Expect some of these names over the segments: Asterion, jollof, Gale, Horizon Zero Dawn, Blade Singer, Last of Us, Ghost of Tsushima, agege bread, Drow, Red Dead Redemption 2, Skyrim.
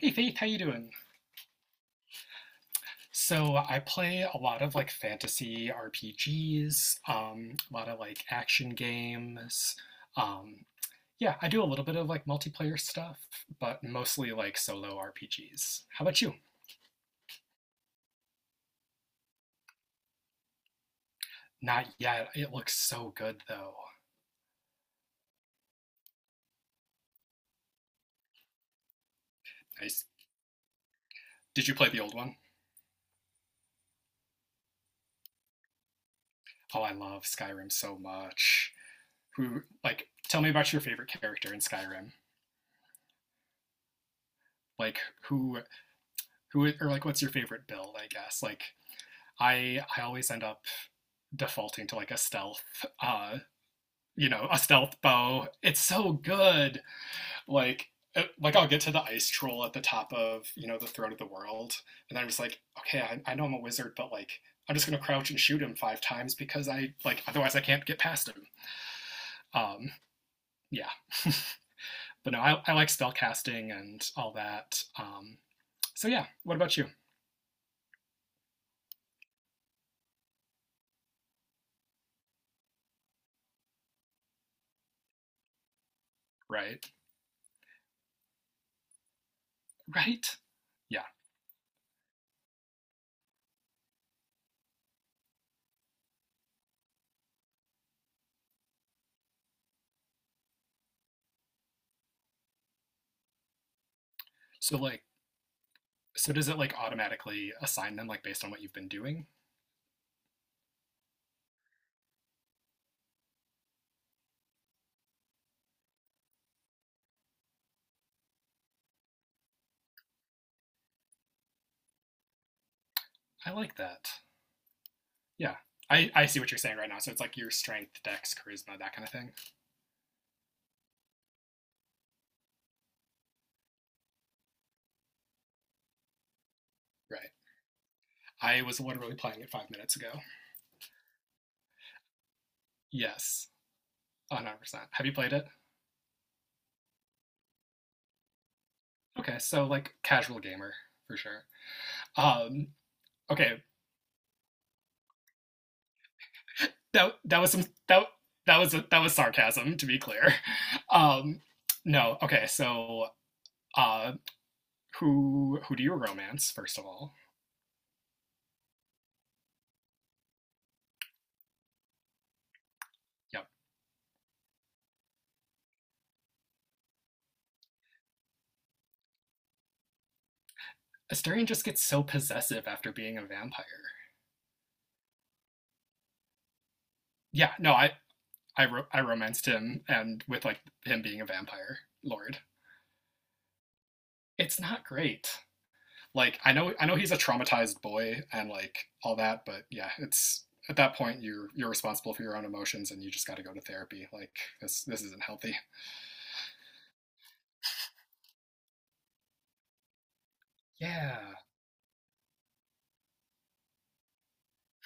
Hey Faith, how you doing? So I play a lot of like fantasy RPGs, a lot of like action games. Um, yeah, I do a little bit of like multiplayer stuff, but mostly like solo RPGs. How about you? Not yet. It looks so good though. Nice. Did you play the old one? Oh, I love Skyrim so much. Who like tell me about your favorite character in Skyrim? Like who who or like what's your favorite build, I guess? Like I always end up defaulting to like a stealth, uh, you know, a stealth bow. It's so good. Like, like I'll get to the ice troll at the top of you know the throat of the world, and I'm just like, okay, I know I'm a wizard, but like I'm just gonna crouch and shoot him five times because I like otherwise I can't get past him. Um, yeah, but no, I like spell casting and all that. So yeah, what about you? Right, right, yeah. So like, so does it like automatically assign them like based on what you've been doing? I like that. Yeah. I see what you're saying right now. So it's like your strength, dex, charisma, that kind of thing. Right. I was literally playing it 5 minutes ago. Yes, 100%. Have you played it? Okay, so like casual gamer for sure. Um, okay, that that was some that that was sarcasm to be clear. Um, no, okay, so uh, who do you romance first of all? Yep, Asterion just gets so possessive after being a vampire. Yeah, no, I romanced him, and with like him being a vampire lord, it's not great. Like I know he's a traumatized boy and like all that, but yeah, it's at that point you're responsible for your own emotions, and you just got to go to therapy. Like this isn't healthy. Yeah,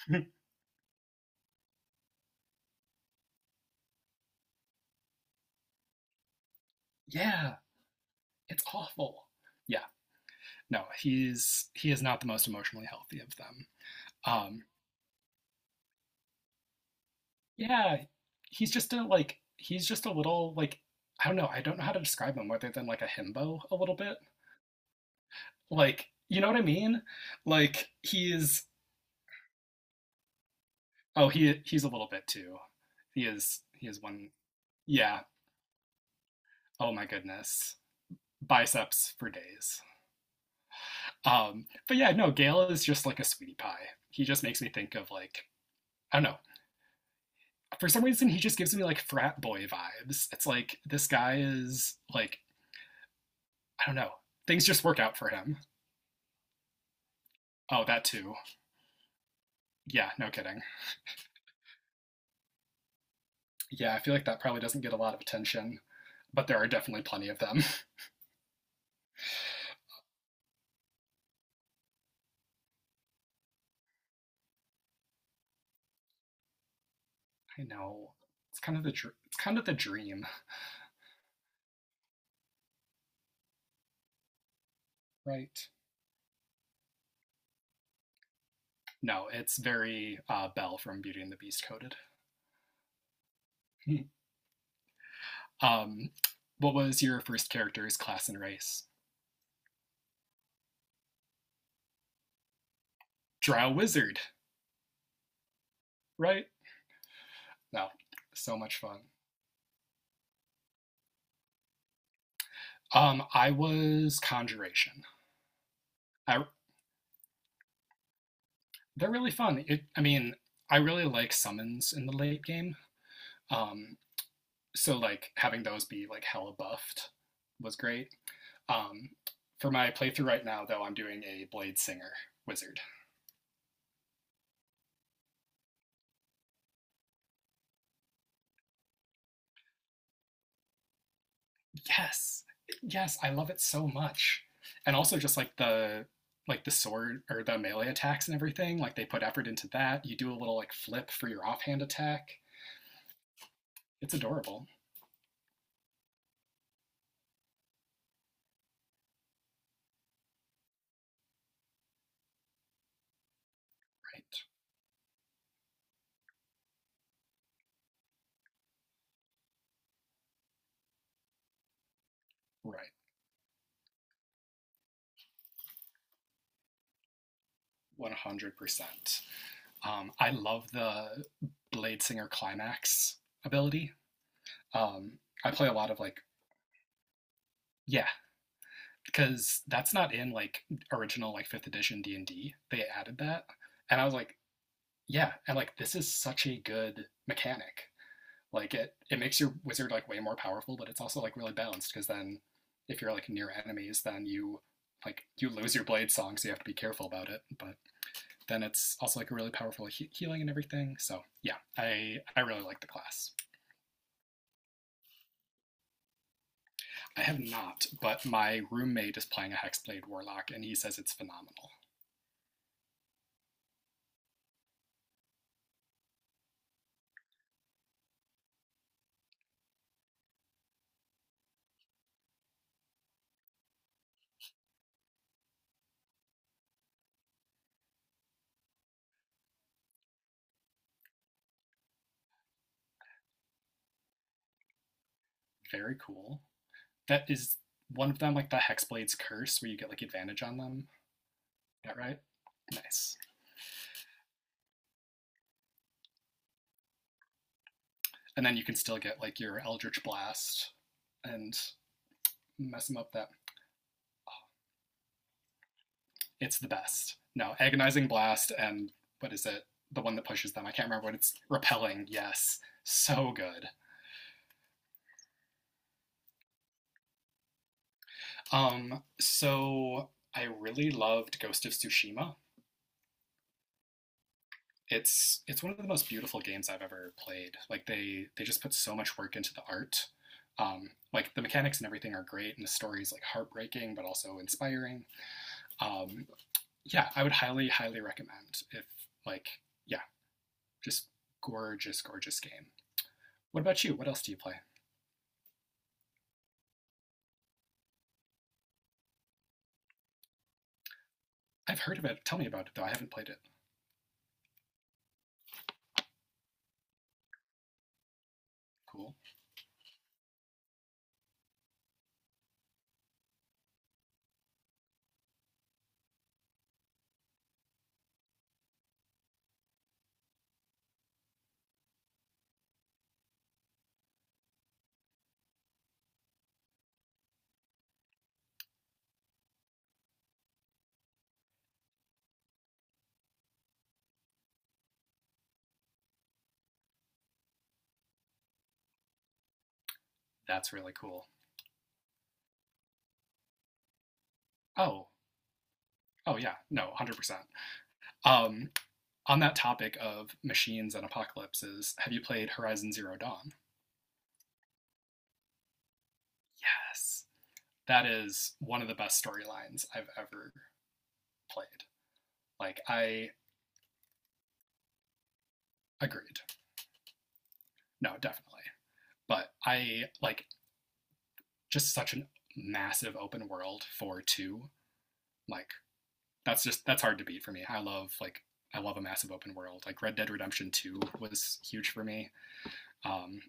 yeah, it's awful. Yeah, no, he is not the most emotionally healthy of them. Um, yeah, he's just a like he's just a little like I don't know. I don't know how to describe him, other than like a himbo a little bit. Like, you know what I mean? Like he is oh he he's a little bit too. He is one yeah. Oh my goodness. Biceps for days. But yeah, no, Gale is just like a sweetie pie. He just makes me think of like I don't know. For some reason he just gives me like frat boy vibes. It's like this guy is like I don't know. Things just work out for him. Oh, that too. Yeah, no kidding. Yeah, I feel like that probably doesn't get a lot of attention, but there are definitely plenty of them. I know. It's kind of the dream, right? No, it's very Belle from Beauty and the Beast coded. um, what was your first character's class and race? Drow wizard, right? No, so much fun. I was conjuration. I They're really fun. I mean, I really like summons in the late game. Um, so like having those be like hella buffed was great. Um, for my playthrough right now, though, I'm doing a blade singer wizard. Yes, yes, I love it so much. And also just like the sword or the melee attacks and everything, like they put effort into that. You do a little like flip for your offhand attack. It's adorable. Right. Right. 100%. I love the Blade Singer climax ability. Um, I play a lot of like yeah, because that's not in like original like 5th edition D&D. They added that. And I was like, yeah, and like this is such a good mechanic. Like it makes your wizard like way more powerful, but it's also like really balanced because then if you're like near enemies, then you like you lose your blade song, so you have to be careful about it. But then it's also like a really powerful healing and everything. So yeah, I really like the class. I have not, but my roommate is playing a hexblade warlock, and he says it's phenomenal. Very cool. That is one of them, like the hexblade's curse, where you get like advantage on them. Is that right? Nice. And then you can still get like your eldritch blast and mess them up that it's the best. No, agonizing blast and what is it? The one that pushes them. I can't remember what it's repelling. Yes. So good. So I really loved Ghost of Tsushima. It's one of the most beautiful games I've ever played. Like they just put so much work into the art. Like the mechanics and everything are great, and the story is like heartbreaking but also inspiring. Um, yeah, I would highly highly recommend if like yeah, just gorgeous gorgeous game. What about you? What else do you play? I've heard of it. Tell me about it, though. I haven't played it. Cool. That's really cool. Oh, oh yeah. No, 100%. Um, on that topic of machines and apocalypses, have you played Horizon Zero Dawn? Yes. That is one of the best storylines I've ever played. Like, I agreed. No, definitely. But I like just such a massive open world for two. Like, that's just that's hard to beat for me. I love like I love a massive open world. Like Red Dead Redemption 2 was huge for me. Um,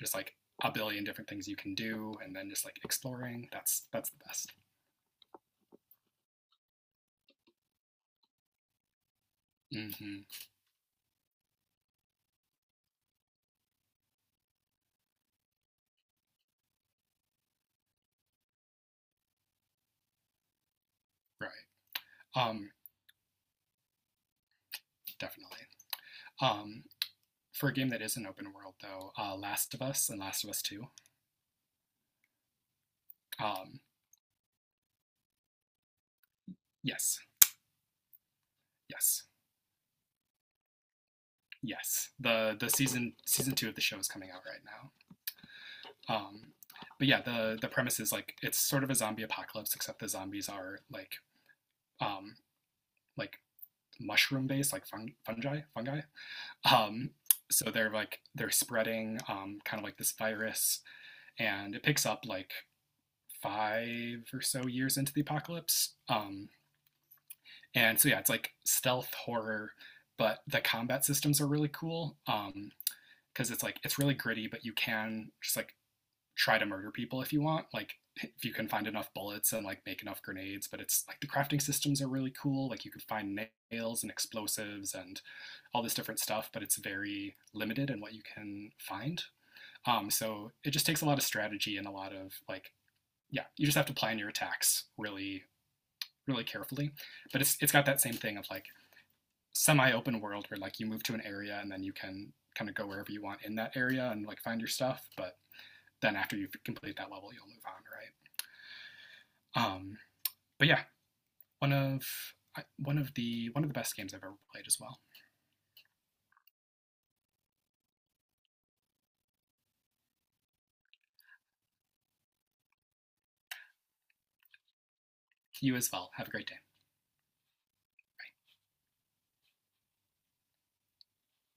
just like a billion different things you can do, and then just like exploring. That's the best. Mm-hmm. Right. Um, Definitely. Um, for a game that is an open world, though, Last of Us and Last of Us Two. Um, yes, yes, yes. The season two of the show is coming out right now. But yeah, the premise is like it's sort of a zombie apocalypse, except the zombies are um, like mushroom based, like fungi. Um, so they're like they're spreading kind of like this virus, and it picks up like five or so years into the apocalypse. And so yeah, it's like stealth horror, but the combat systems are really cool. Because it's like it's really gritty, but you can just like try to murder people if you want like if you can find enough bullets and like make enough grenades but it's like the crafting systems are really cool like you could find nails and explosives and all this different stuff but it's very limited in what you can find, so it just takes a lot of strategy and a lot of like yeah you just have to plan your attacks really really carefully but it's got that same thing of like semi-open world where like you move to an area and then you can kind of go wherever you want in that area and like find your stuff but then after you complete that level you'll move on right. Um, but yeah, one of one of the best games I've ever played as well. You as well. Have a great day.